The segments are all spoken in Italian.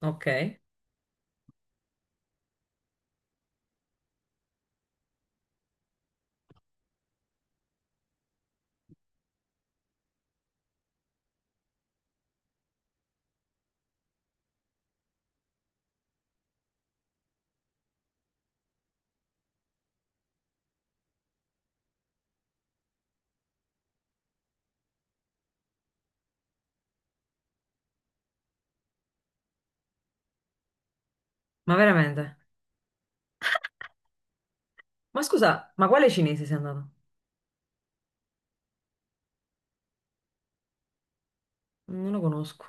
Ok, ma veramente? Ma scusa, ma quale cinese sei andato? Non lo conosco.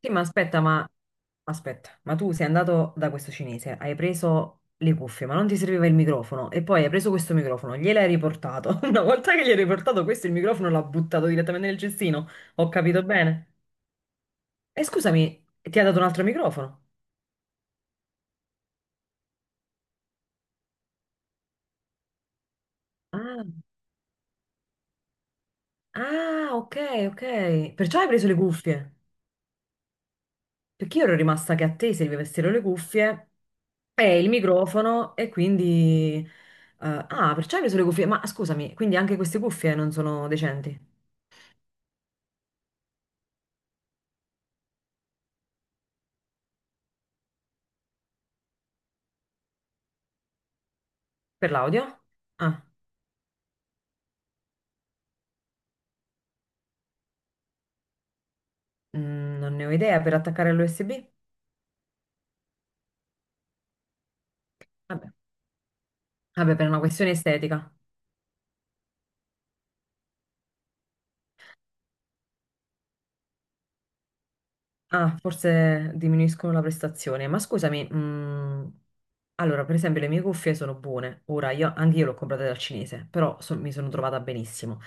Sì, ma aspetta, ma aspetta, ma tu sei andato da questo cinese, hai preso le cuffie, ma non ti serviva il microfono e poi hai preso questo microfono, gliel'hai riportato. Una volta che gli hai riportato questo, il microfono l'ha buttato direttamente nel cestino. Ho capito bene? E scusami, ti ha dato un altro microfono? Ah, ah, ok, ok. Perciò hai preso le cuffie? Perché io ero rimasta che a te servivessero le cuffie e il microfono e quindi... perciò hai preso le cuffie. Ma scusami, quindi anche queste cuffie non sono decenti per l'audio? Ah, non ne ho idea, per attaccare all'USB? Vabbè. Vabbè, per una questione estetica. Ah, forse diminuiscono la prestazione. Ma scusami, allora, per esempio, le mie cuffie sono buone. Ora, io, anche io le ho comprate dal cinese, però mi sono trovata benissimo.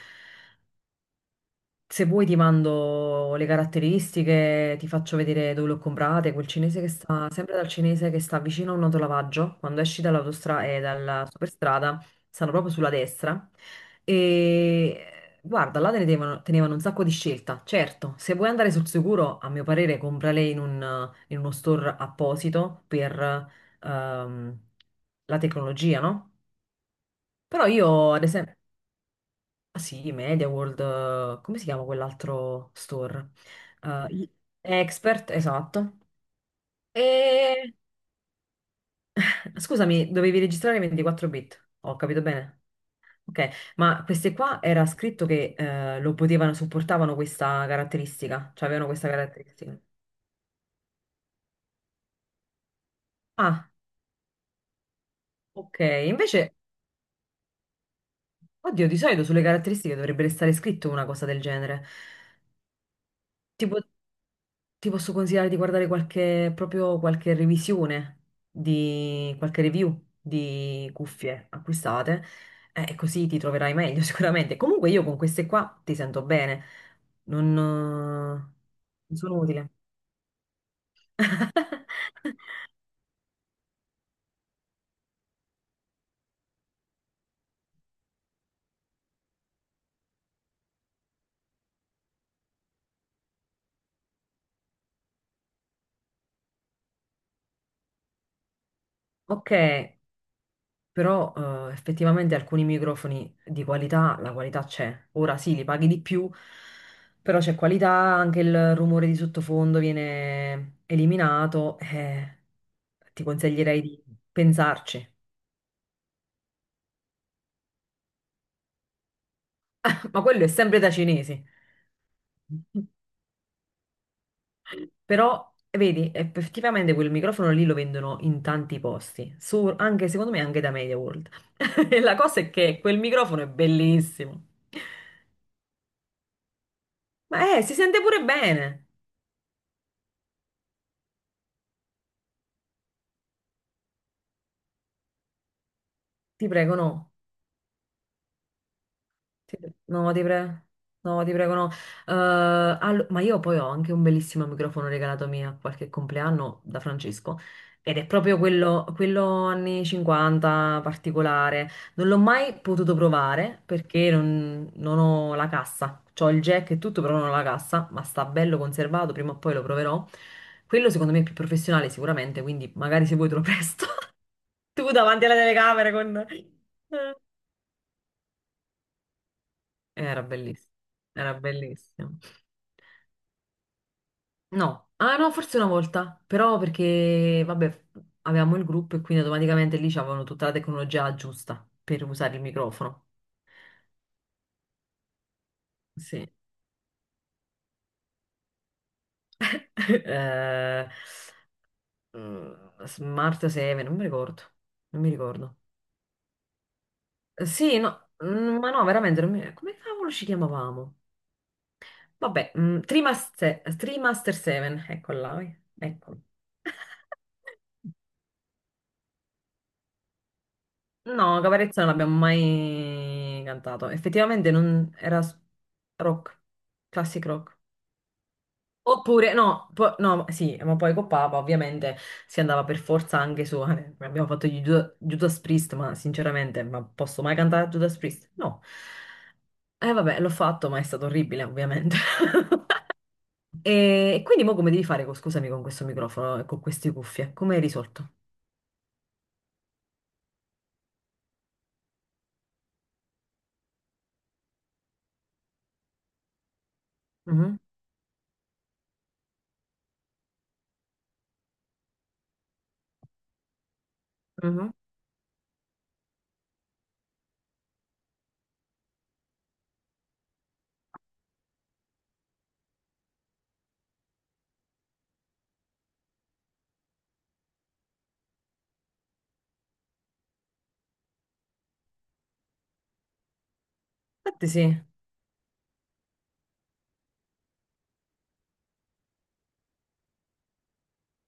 Se vuoi ti mando le caratteristiche, ti faccio vedere dove le ho comprate, quel cinese che sta, sempre dal cinese che sta vicino a un autolavaggio, quando esci dall'autostrada e dalla superstrada, stanno proprio sulla destra. E guarda, là te ne tenevano, tenevano un sacco di scelta. Certo, se vuoi andare sul sicuro, a mio parere, comprale in uno store apposito per ehm, la tecnologia, no? Però io, ad esempio... Ah, sì, MediaWorld, come si chiama quell'altro store? Eh, i- Expert, esatto. E scusami, dovevi registrare 24 bit, ho capito bene? Ok, ma queste qua era scritto che lo potevano, supportavano questa caratteristica, cioè avevano questa caratteristica. Ah, ok, invece, oddio, di solito sulle caratteristiche dovrebbe stare scritto una cosa del genere. Tipo. Ti posso consigliare di guardare qualche, proprio qualche revisione di qualche review di cuffie acquistate, e così ti troverai meglio sicuramente. Comunque io con queste qua ti sento bene, non, eh, non sono utile. Ok, però effettivamente alcuni microfoni di qualità, la qualità c'è. Ora sì, li paghi di più, però c'è qualità, anche il rumore di sottofondo viene eliminato. Ti consiglierei di pensarci. Ma quello è sempre da cinesi. Però, vedi, effettivamente quel microfono lì lo vendono in tanti posti, anche secondo me anche da Media World. E la cosa è che quel microfono è bellissimo. Ma si sente pure bene. Ti prego, no. Ti- No, ti prego. No, ti prego, no. Ma io poi ho anche un bellissimo microfono regalato mio a qualche compleanno da Francesco. Ed è proprio quello, quello anni 50 particolare. Non l'ho mai potuto provare perché non ho la cassa. C'ho il jack e tutto, però non ho la cassa, ma sta bello conservato, prima o poi lo proverò. Quello secondo me è più professionale sicuramente, quindi magari se vuoi te lo presto. Tu davanti alla telecamera con... Era bellissimo, era bellissimo. No, ah no, forse una volta, però perché, vabbè, avevamo il gruppo e quindi automaticamente lì c'avevano tutta la tecnologia giusta per usare il microfono. Sì. Eh, Smart 7, non mi ricordo, non mi ricordo. Veramente, non mi- come cavolo ci chiamavamo? Vabbè, Trimaster, Trimaster 7, eccola, ecco. No, Caparezza non l'abbiamo mai cantato. Effettivamente non era rock, classic rock. Oppure, no, no, sì, ma poi con Papa ovviamente si andava per forza anche su. Abbiamo fatto gli Judas Priest, ma sinceramente, ma posso mai cantare Judas Priest? No. Eh vabbè, l'ho fatto, ma è stato orribile, ovviamente. E quindi mo come devi fare, scusami, con questo microfono e con queste cuffie? Come hai risolto? Mhm, mhm. Infatti sì.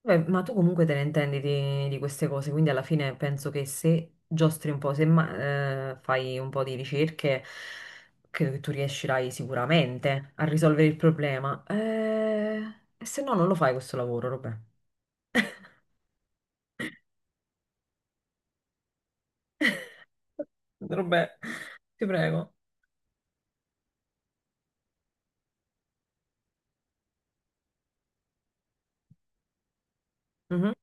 Beh, ma tu comunque te ne intendi di queste cose, quindi alla fine penso che se giostri un po', se ma- fai un po' di ricerche, credo che tu riuscirai sicuramente a risolvere il problema. E se no non lo fai questo lavoro, Robè. Robè, ti prego. Mhm,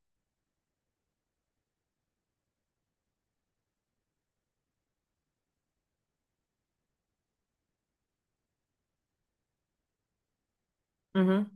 mhm.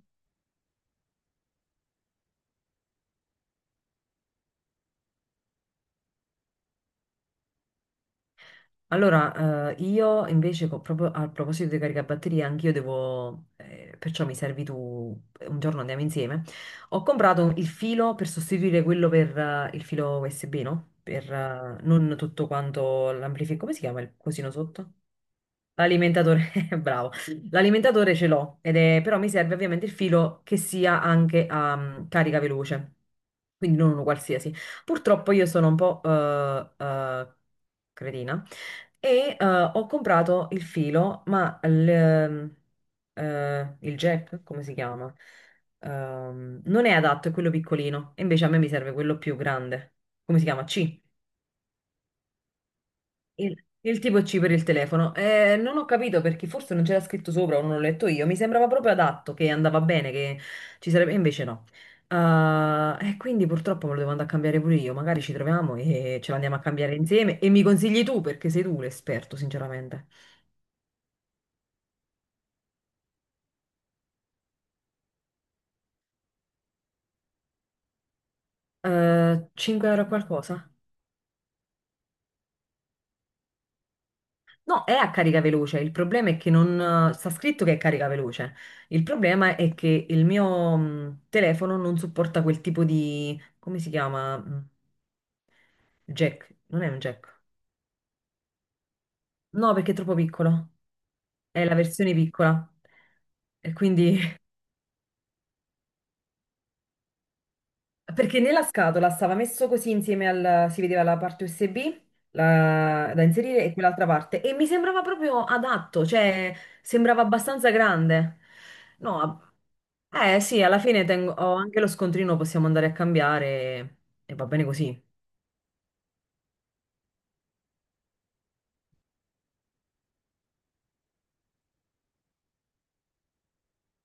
Allora, io invece, proprio a proposito dei caricabatterie, anch'io devo, perciò mi servi tu, un giorno andiamo insieme. Ho comprato il filo per sostituire quello per il filo USB, no? Per non tutto quanto l'amplificatore, come si chiama il cosino sotto? L'alimentatore, bravo. L'alimentatore ce l'ho, però mi serve ovviamente il filo che sia anche a carica veloce, quindi non uno qualsiasi. Purtroppo io sono un po' cretina e ho comprato il filo, il jack, come si chiama? Non è adatto, è quello piccolino. E invece a me mi serve quello più grande. Come si chiama? C. Il tipo C per il telefono. Non ho capito perché forse non c'era scritto sopra o non l'ho letto io. Mi sembrava proprio adatto, che andava bene, che ci sarebbe... e invece no. Ah, e quindi purtroppo me lo devo andare a cambiare pure io. Magari ci troviamo e ce lo andiamo a cambiare insieme. E mi consigli tu, perché sei tu l'esperto, sinceramente. 5 € qualcosa? No, è a carica veloce. Il problema è che non... sta scritto che è carica veloce. Il problema è che il mio telefono non supporta quel tipo di... Come si chiama? Jack. Non è un jack. No, perché è troppo piccolo. È la versione piccola. E quindi perché nella scatola stava messo così insieme al... si vedeva la parte USB la- da inserire e quell'altra parte e mi sembrava proprio adatto, cioè sembrava abbastanza grande. No, eh sì, alla fine tengo... ho anche lo scontrino, possiamo andare a cambiare e va bene così.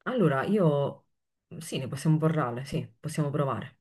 Allora, io sì, ne possiamo parlare, sì, possiamo provare.